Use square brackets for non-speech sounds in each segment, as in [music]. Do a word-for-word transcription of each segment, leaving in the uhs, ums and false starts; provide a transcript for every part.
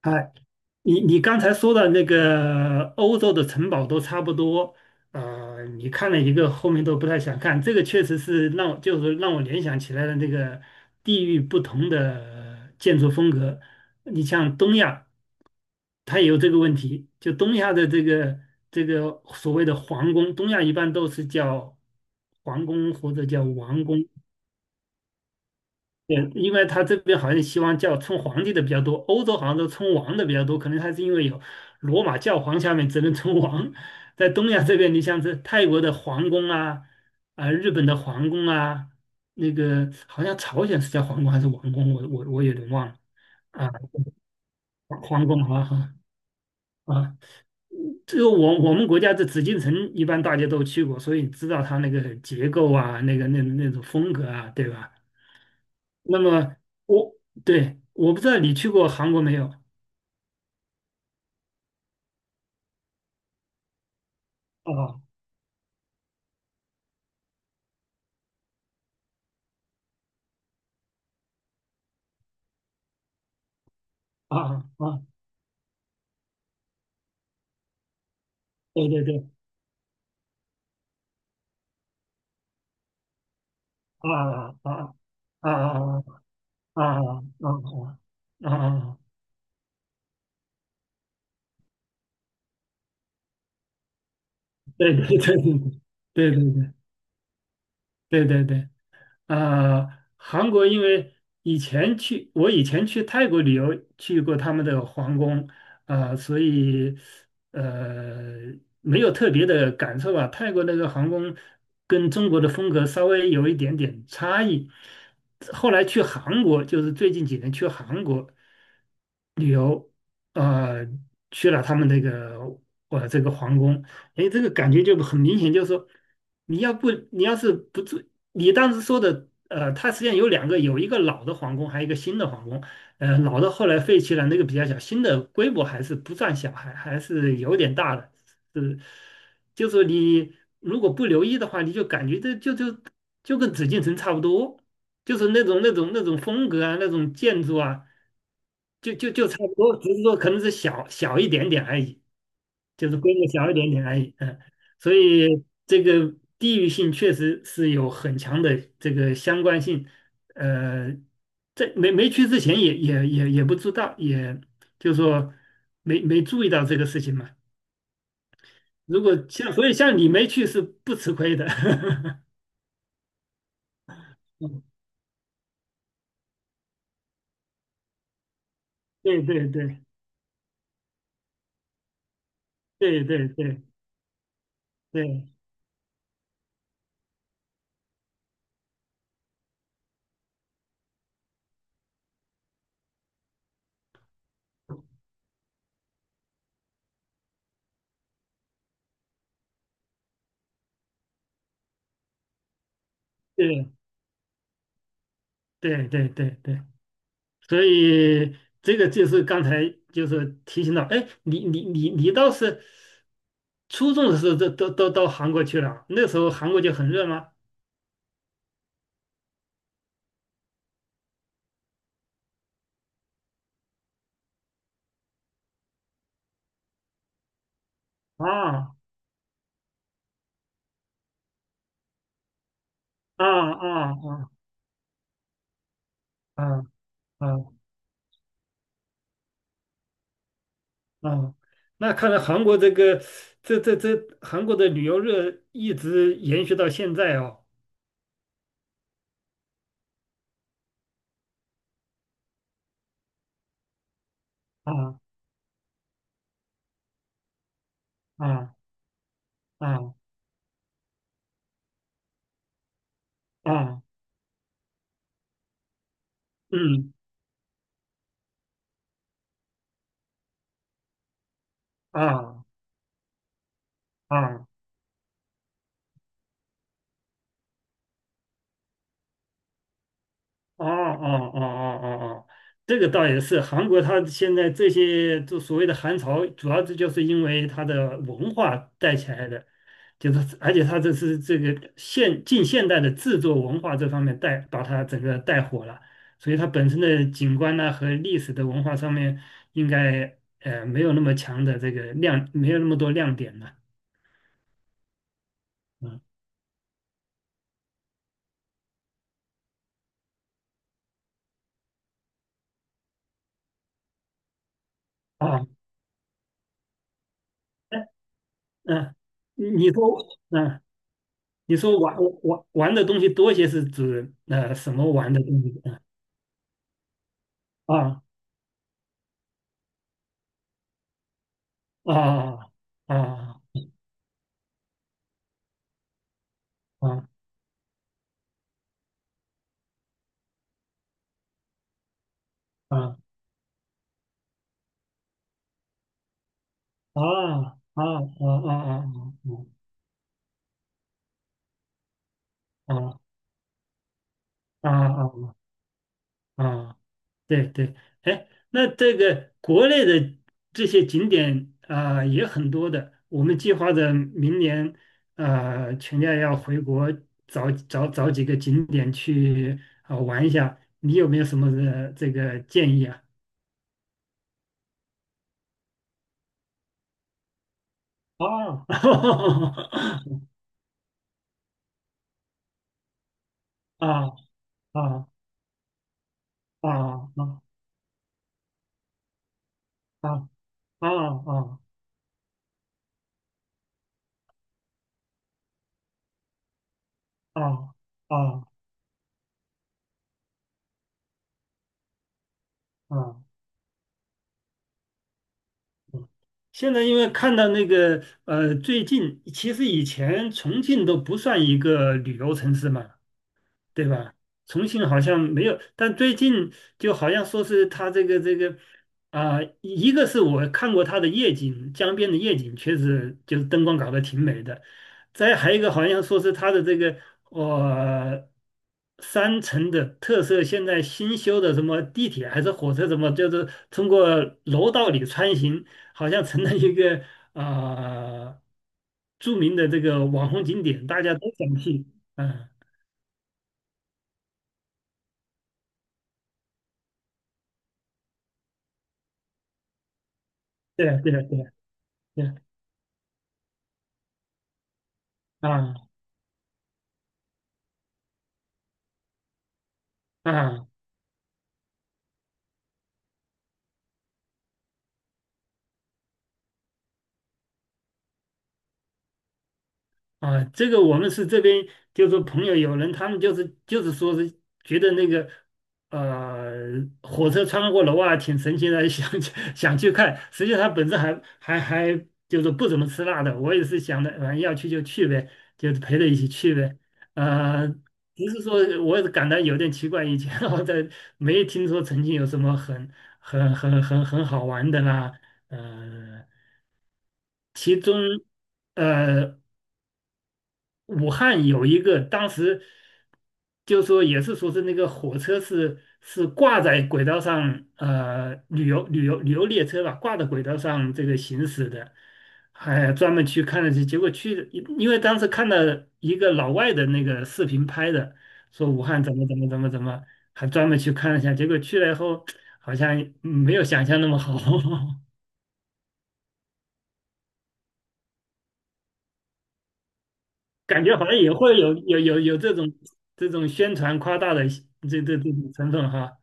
哎，你你刚才说的那个欧洲的城堡都差不多，呃，你看了一个后面都不太想看，这个确实是让我就是让我联想起来了那个地域不同的建筑风格。你像东亚，它也有这个问题，就东亚的这个这个所谓的皇宫，东亚一般都是叫皇宫或者叫王宫，对，因为他这边好像希望叫称皇帝的比较多，欧洲好像都称王的比较多，可能他是因为有罗马教皇下面只能称王，在东亚这边，你像是泰国的皇宫啊，啊、日本的皇宫啊，那个好像朝鲜是叫皇宫还是王宫，我我我有点忘了。啊，皇皇宫好像啊，这个我我们国家的紫禁城一般大家都去过，所以知道它那个结构啊，那个那那种风格啊，对吧？那么，我对，我不知道你去过韩国没有。啊啊啊！对对对。啊啊啊啊啊啊啊啊！啊，对对对对对对对对对对。啊，韩国因为以前去，我以前去泰国旅游去过他们的皇宫。啊，所以呃没有特别的感受吧。泰国那个皇宫跟中国的风格稍微有一点点差异。后来去韩国，就是最近几年去韩国，旅游，呃，去了他们那个我这个皇宫。哎，这个感觉就很明显，就是说，你要不你要是不住，你当时说的，呃，它实际上有两个，有一个老的皇宫，还有一个新的皇宫。呃，老的后来废弃了，那个比较小，新的规模还是不算小，还还是有点大的。是，就是你如果不留意的话，你就感觉这就就就跟紫禁城差不多，就是那种那种那种风格啊，那种建筑啊。就就就差不多，只是说可能是小小一点点而已，就是规模小一点点而已。嗯，所以这个地域性确实是有很强的这个相关性。呃，在没没去之前也也也也不知道，也就是说没没注意到这个事情嘛。如果像所以像你没去是不吃亏的。[laughs] 对对对对对对对对对对对对。所以这个就是刚才就是提醒到，哎，你你你你倒是初中的时候都都都到韩国去了，那时候韩国就很热吗？啊啊啊啊啊啊啊！那看来韩国这个这这这韩国的旅游热一直延续到现在哦。啊啊啊啊！嗯啊啊。哦哦哦哦哦哦，这个倒也是，韩国它现在这些就所谓的韩潮，主要这就是因为它的文化带起来的，就是而且它这是这个现近现代的制作文化这方面带把它整个带火了，所以它本身的景观呢和历史的文化上面应该呃没有那么强的这个亮，没有那么多亮点了。嗯啊，哎嗯，你说，嗯。你说玩玩玩的东西多些是指呃什么玩的东西。啊啊啊啊啊啊啊啊啊啊啊啊啊啊！啊啊，对对，哎，那这个国内的这些景点啊、也很多的，我们计划着明年啊全家要回国找找找几个景点去啊、玩一下，你有没有什么呃这个建议啊？啊，[laughs] 啊啊啊啊啊啊啊啊啊啊！嗯现在因为看到那个呃，最近其实以前重庆都不算一个旅游城市嘛，对吧？重庆好像没有，但最近就好像说是他这个这个啊、一个是我看过他的夜景，江边的夜景确实就是灯光搞得挺美的，再还有一个好像说是他的这个呃山城的特色，现在新修的什么地铁还是火车什么，就是通过楼道里穿行，好像成了一个啊、著名的这个网红景点，大家都想去。嗯。对啊，对啊，对啊对啊啊啊！这个我们是这边就是说朋友有人，他们就是就是说是觉得那个呃火车穿过楼啊挺神奇的，[laughs] 想去想去看。实际上他本身还还还就是不怎么吃辣的，我也是想的，反正要去就去呗，就是陪着一起去呗。呃，不是说我也感到有点奇怪，以前 [laughs] 我在没听说曾经有什么很很很很很好玩的啦，呃，其中。呃，武汉有一个当时就说也是说是那个火车是是挂在轨道上，呃，旅游旅游旅游列车吧，挂在轨道上这个行驶的，还专门去看了去，结果去，因为当时看到一个老外的那个视频拍的，说武汉怎么怎么怎么怎么，还专门去看了一下，结果去了以后好像没有想象那么好。[laughs] 感觉好像也会有有有有这种这种宣传夸大的这这这种成分哈。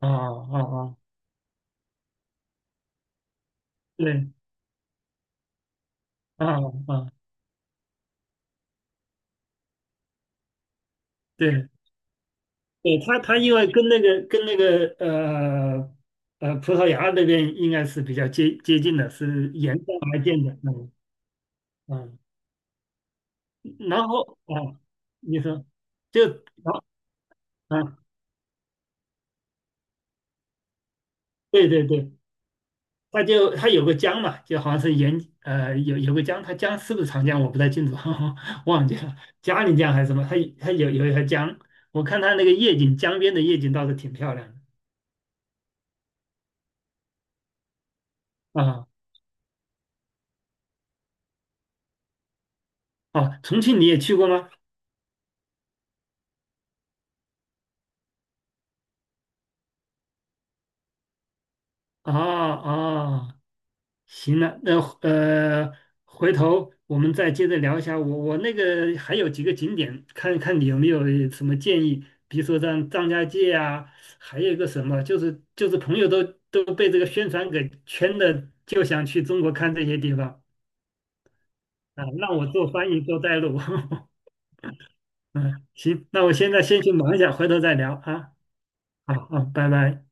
啊啊啊，对，啊啊，对，对，他他因为跟那个跟那个呃呃葡萄牙那边应该是比较接接近的，是沿着而建的，嗯嗯，然后啊，你说，就然后啊，对对对，他就他有个江嘛，就好像是沿呃有有个江，它江是不是长江我不太清楚。[laughs] 忘记了，嘉陵江还是什么，它它有有一条江，我看它那个夜景，江边的夜景倒是挺漂亮的啊。哦，重庆你也去过吗？啊啊，行了，那呃，回头我们再接着聊一下。我我那个还有几个景点，看看你有没有什么建议，比如说像张家界啊，还有一个什么，就是就是朋友都都被这个宣传给圈的，就想去中国看这些地方啊，让我做翻译做带路。[laughs] 嗯，行，那我现在先去忙一下，回头再聊啊。好好，拜拜。